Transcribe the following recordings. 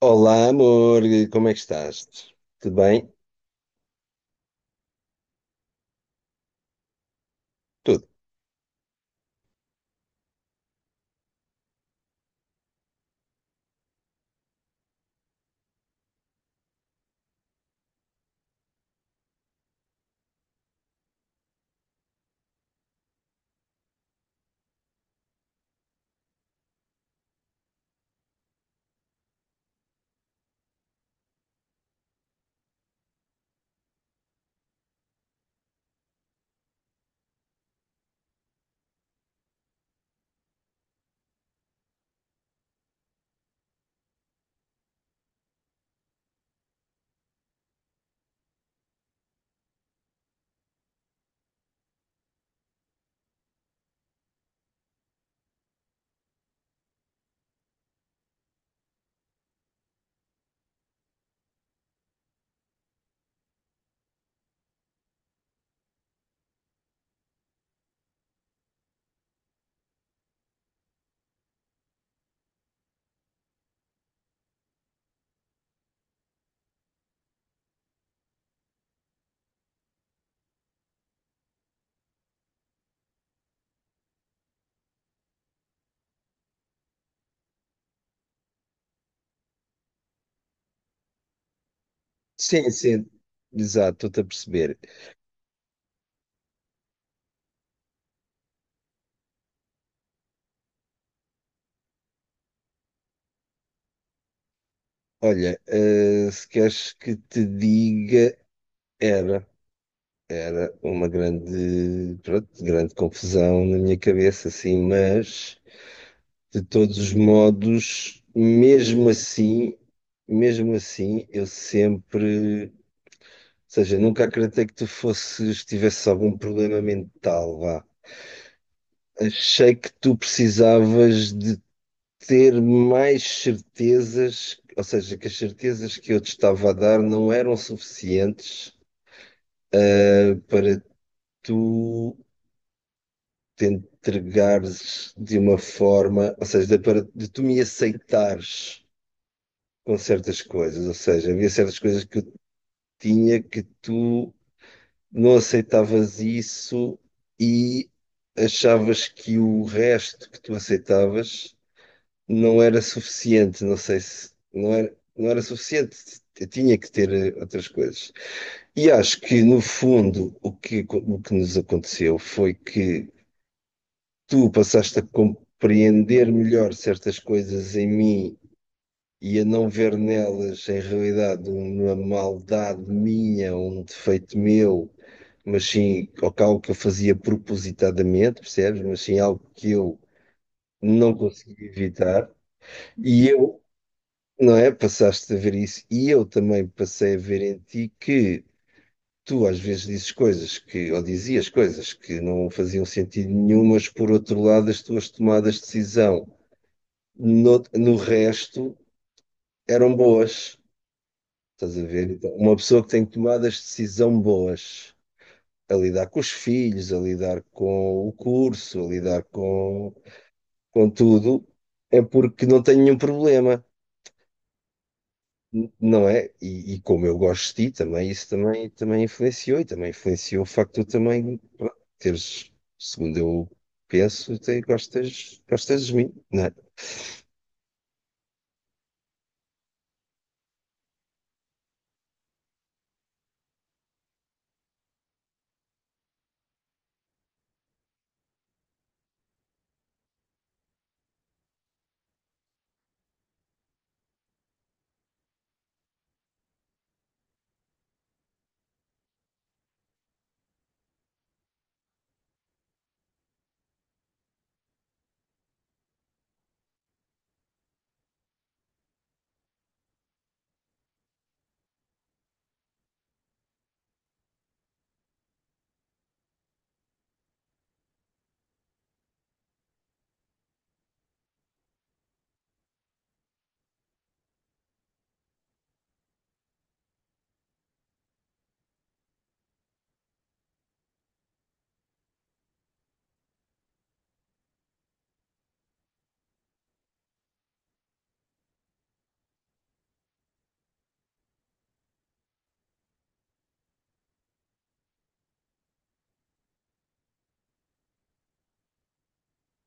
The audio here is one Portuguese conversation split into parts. Olá, amor, como é que estás? Tudo bem? Tudo. Sim, exato, estou-te a perceber. Olha, se queres que te diga, era, era uma grande, pronto, grande confusão na minha cabeça, assim, mas de todos os modos, mesmo assim, ou seja, nunca acreditei que tivesses algum problema mental, vá. Achei que tu precisavas de ter mais certezas, ou seja, que as certezas que eu te estava a dar não eram suficientes para tu te entregares de uma forma, ou seja, para de tu me aceitares com certas coisas, ou seja, havia certas coisas que eu tinha que tu não aceitavas isso e achavas que o resto que tu aceitavas não era suficiente, não sei se não era, não era suficiente, eu tinha que ter outras coisas. E acho que no fundo o que nos aconteceu foi que tu passaste a compreender melhor certas coisas em mim e a não ver nelas em realidade uma maldade minha, um defeito meu. Mas sim, ou que algo que eu fazia propositadamente, percebes? Mas sim, algo que eu não conseguia evitar. E eu Não é? Passaste a ver isso e eu também passei a ver em ti que tu às vezes dizes coisas ou dizias coisas que não faziam sentido nenhum, mas por outro lado as tuas tomadas de decisão no resto eram boas. Estás a ver? Então, uma pessoa que tem tomadas de decisão boas, a lidar com os filhos, a lidar com o curso, com tudo, é porque não tem nenhum problema. Não é? E como eu gosto de ti também, também influenciou e também influenciou o facto de tu também pá, teres, segundo eu penso, gostas de mim, não é?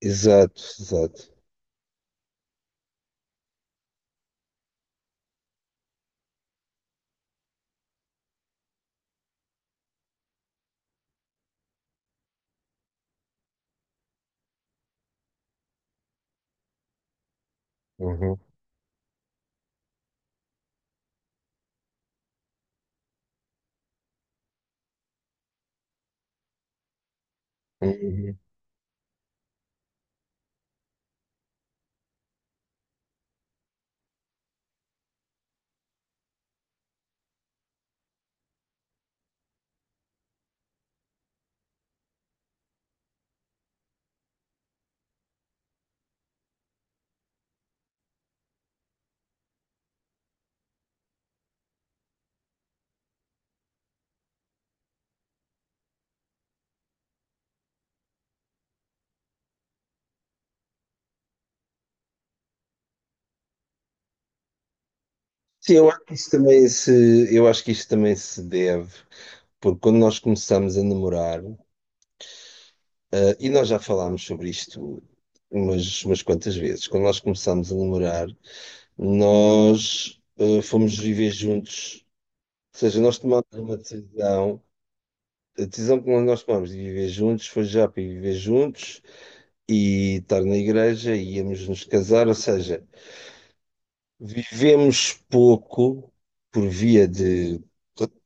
Exato, exato. Uhum, uhum. Sim, eu acho que isso também se deve, porque quando nós começamos a namorar, e nós já falámos sobre isto umas quantas vezes, quando nós começámos a namorar, nós fomos viver juntos. Ou seja, nós tomamos uma decisão, a decisão que nós tomamos de viver juntos foi já para viver juntos e estar na igreja e íamos nos casar, ou seja, vivemos pouco por via de.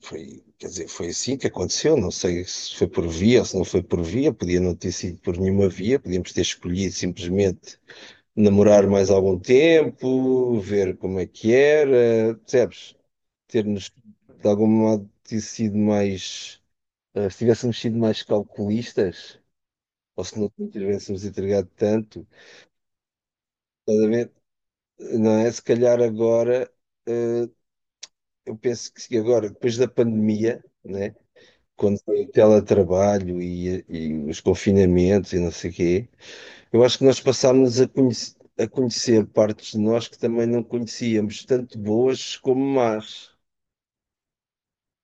Foi, quer dizer, foi assim que aconteceu, não sei se foi por via ou se não foi por via, podia não ter sido por nenhuma via, podíamos ter escolhido simplesmente namorar mais algum tempo, ver como é que era, percebes? Ter-nos de algum modo ter sido mais. Se tivéssemos sido mais calculistas, ou se não tivéssemos entregado tanto, estás a ver? Não é? Se calhar agora, eh, eu penso que se agora, depois da pandemia, né? Quando foi o teletrabalho e os confinamentos e não sei o quê, eu acho que nós passámos a conhecer partes de nós que também não conhecíamos, tanto boas como más.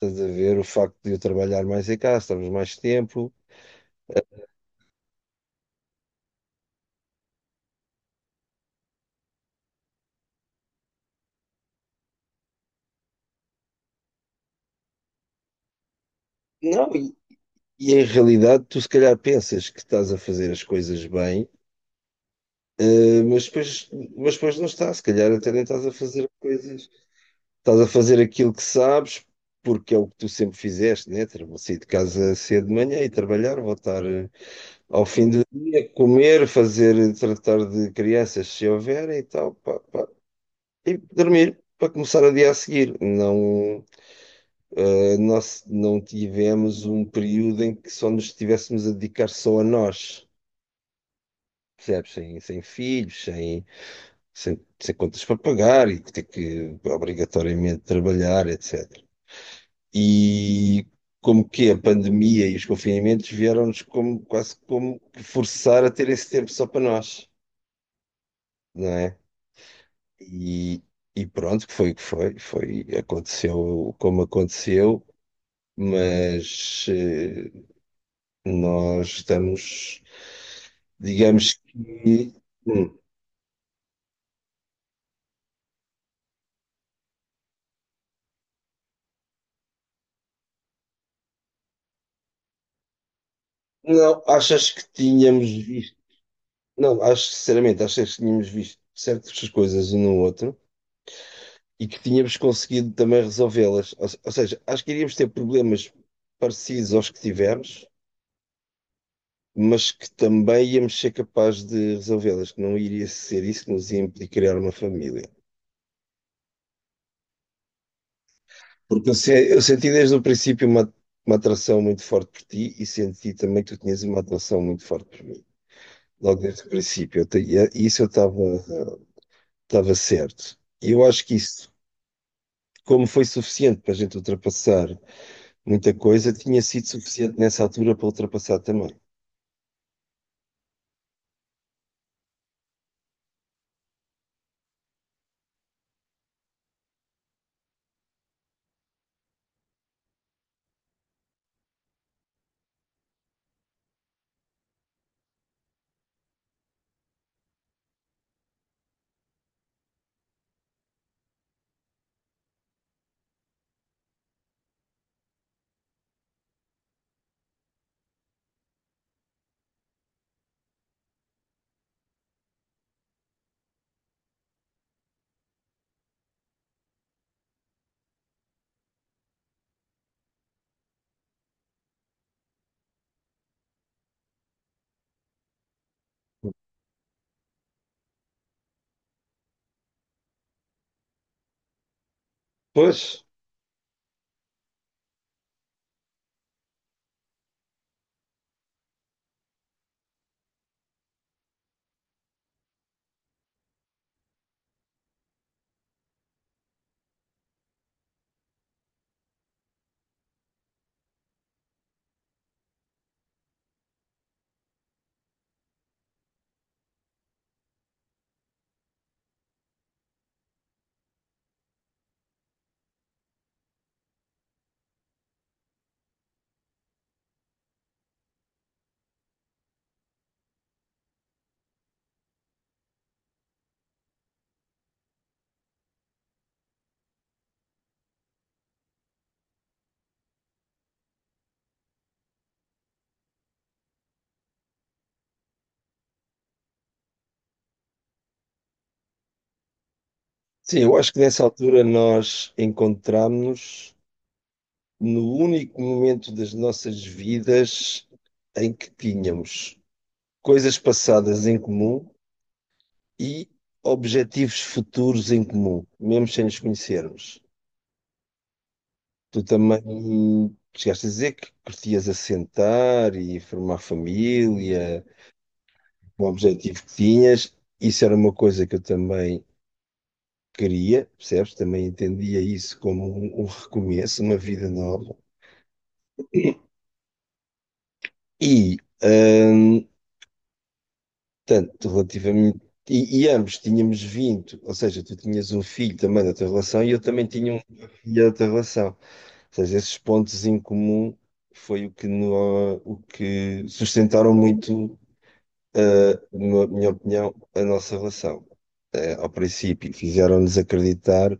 Estás a ver o facto de eu trabalhar mais em casa, estamos mais tempo. Não. E em realidade, tu se calhar pensas que estás a fazer as coisas bem, eh, mas depois, mas depois não estás. Se calhar até nem estás a fazer coisas. Estás a fazer aquilo que sabes, porque é o que tu sempre fizeste, né? Sair de casa cedo de manhã e trabalhar, voltar ao fim do dia, comer, fazer, tratar de crianças se houverem e tal, pá, pá. E dormir. Para começar o dia a seguir, não, nós não tivemos um período em que só nos estivéssemos a dedicar só a nós. Percebes? Sem filhos, sem contas para pagar e ter que obrigatoriamente trabalhar, etc. E como que a pandemia e os confinamentos vieram-nos como, quase como que forçar a ter esse tempo só para nós, não é? E, e pronto, que foi o que foi, foi, aconteceu como aconteceu, mas nós estamos, digamos que. Hum, não, achas que tínhamos visto. Não, acho que, sinceramente, acho que tínhamos visto certas coisas um no outro e que tínhamos conseguido também resolvê-las. Ou, se- ou seja, acho que iríamos ter problemas parecidos aos que tivemos, mas que também íamos ser capazes de resolvê-las, que não iria ser isso que nos ia implicar criar uma família. Porque eu, se- eu senti desde o princípio uma atração muito forte por ti e senti também que tu tinhas uma atração muito forte por mim. Logo desde o princípio, e isso eu estava estava certo. E eu acho que isso como foi suficiente para a gente ultrapassar muita coisa, tinha sido suficiente nessa altura para ultrapassar também. Pois, sim, eu acho que nessa altura nós encontramos-nos no único momento das nossas vidas em que tínhamos coisas passadas em comum e objetivos futuros em comum, mesmo sem nos conhecermos. Tu também chegaste a dizer que curtias assentar e formar família, o objetivo que tinhas, isso era uma coisa que eu também queria, percebes? Também entendia isso como um recomeço, uma vida nova. E, hum, tanto relativamente. E ambos tínhamos vindo, ou seja, tu tinhas um filho também da tua relação e eu também tinha um filho da tua relação. Ou seja, esses pontos em comum foi o que, no, o que sustentaram muito, na minha opinião, a nossa relação. Eh, ao princípio, fizeram-nos acreditar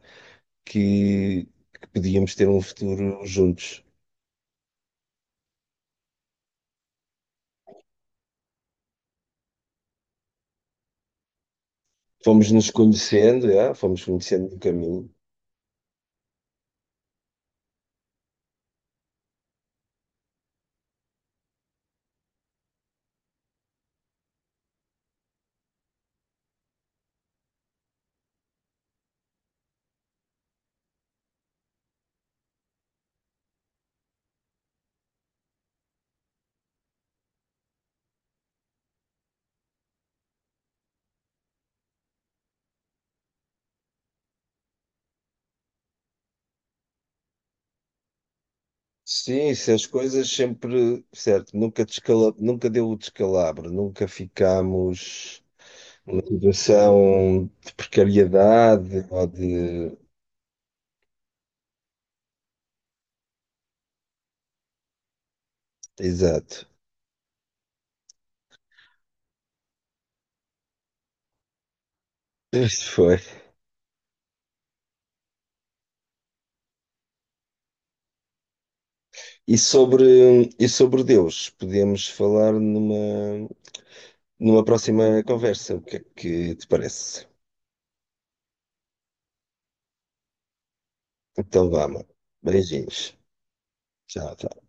que podíamos ter um futuro juntos. Fomos nos conhecendo, já, fomos conhecendo no caminho. Sim, se as coisas sempre, certo, nunca, descala, nunca deu o descalabro, nunca ficámos numa situação de precariedade ou de. Exato. Isso foi. E sobre Deus, podemos falar numa próxima conversa. O que é que te parece? Então vá, mano. Beijinhos. Tchau, tchau.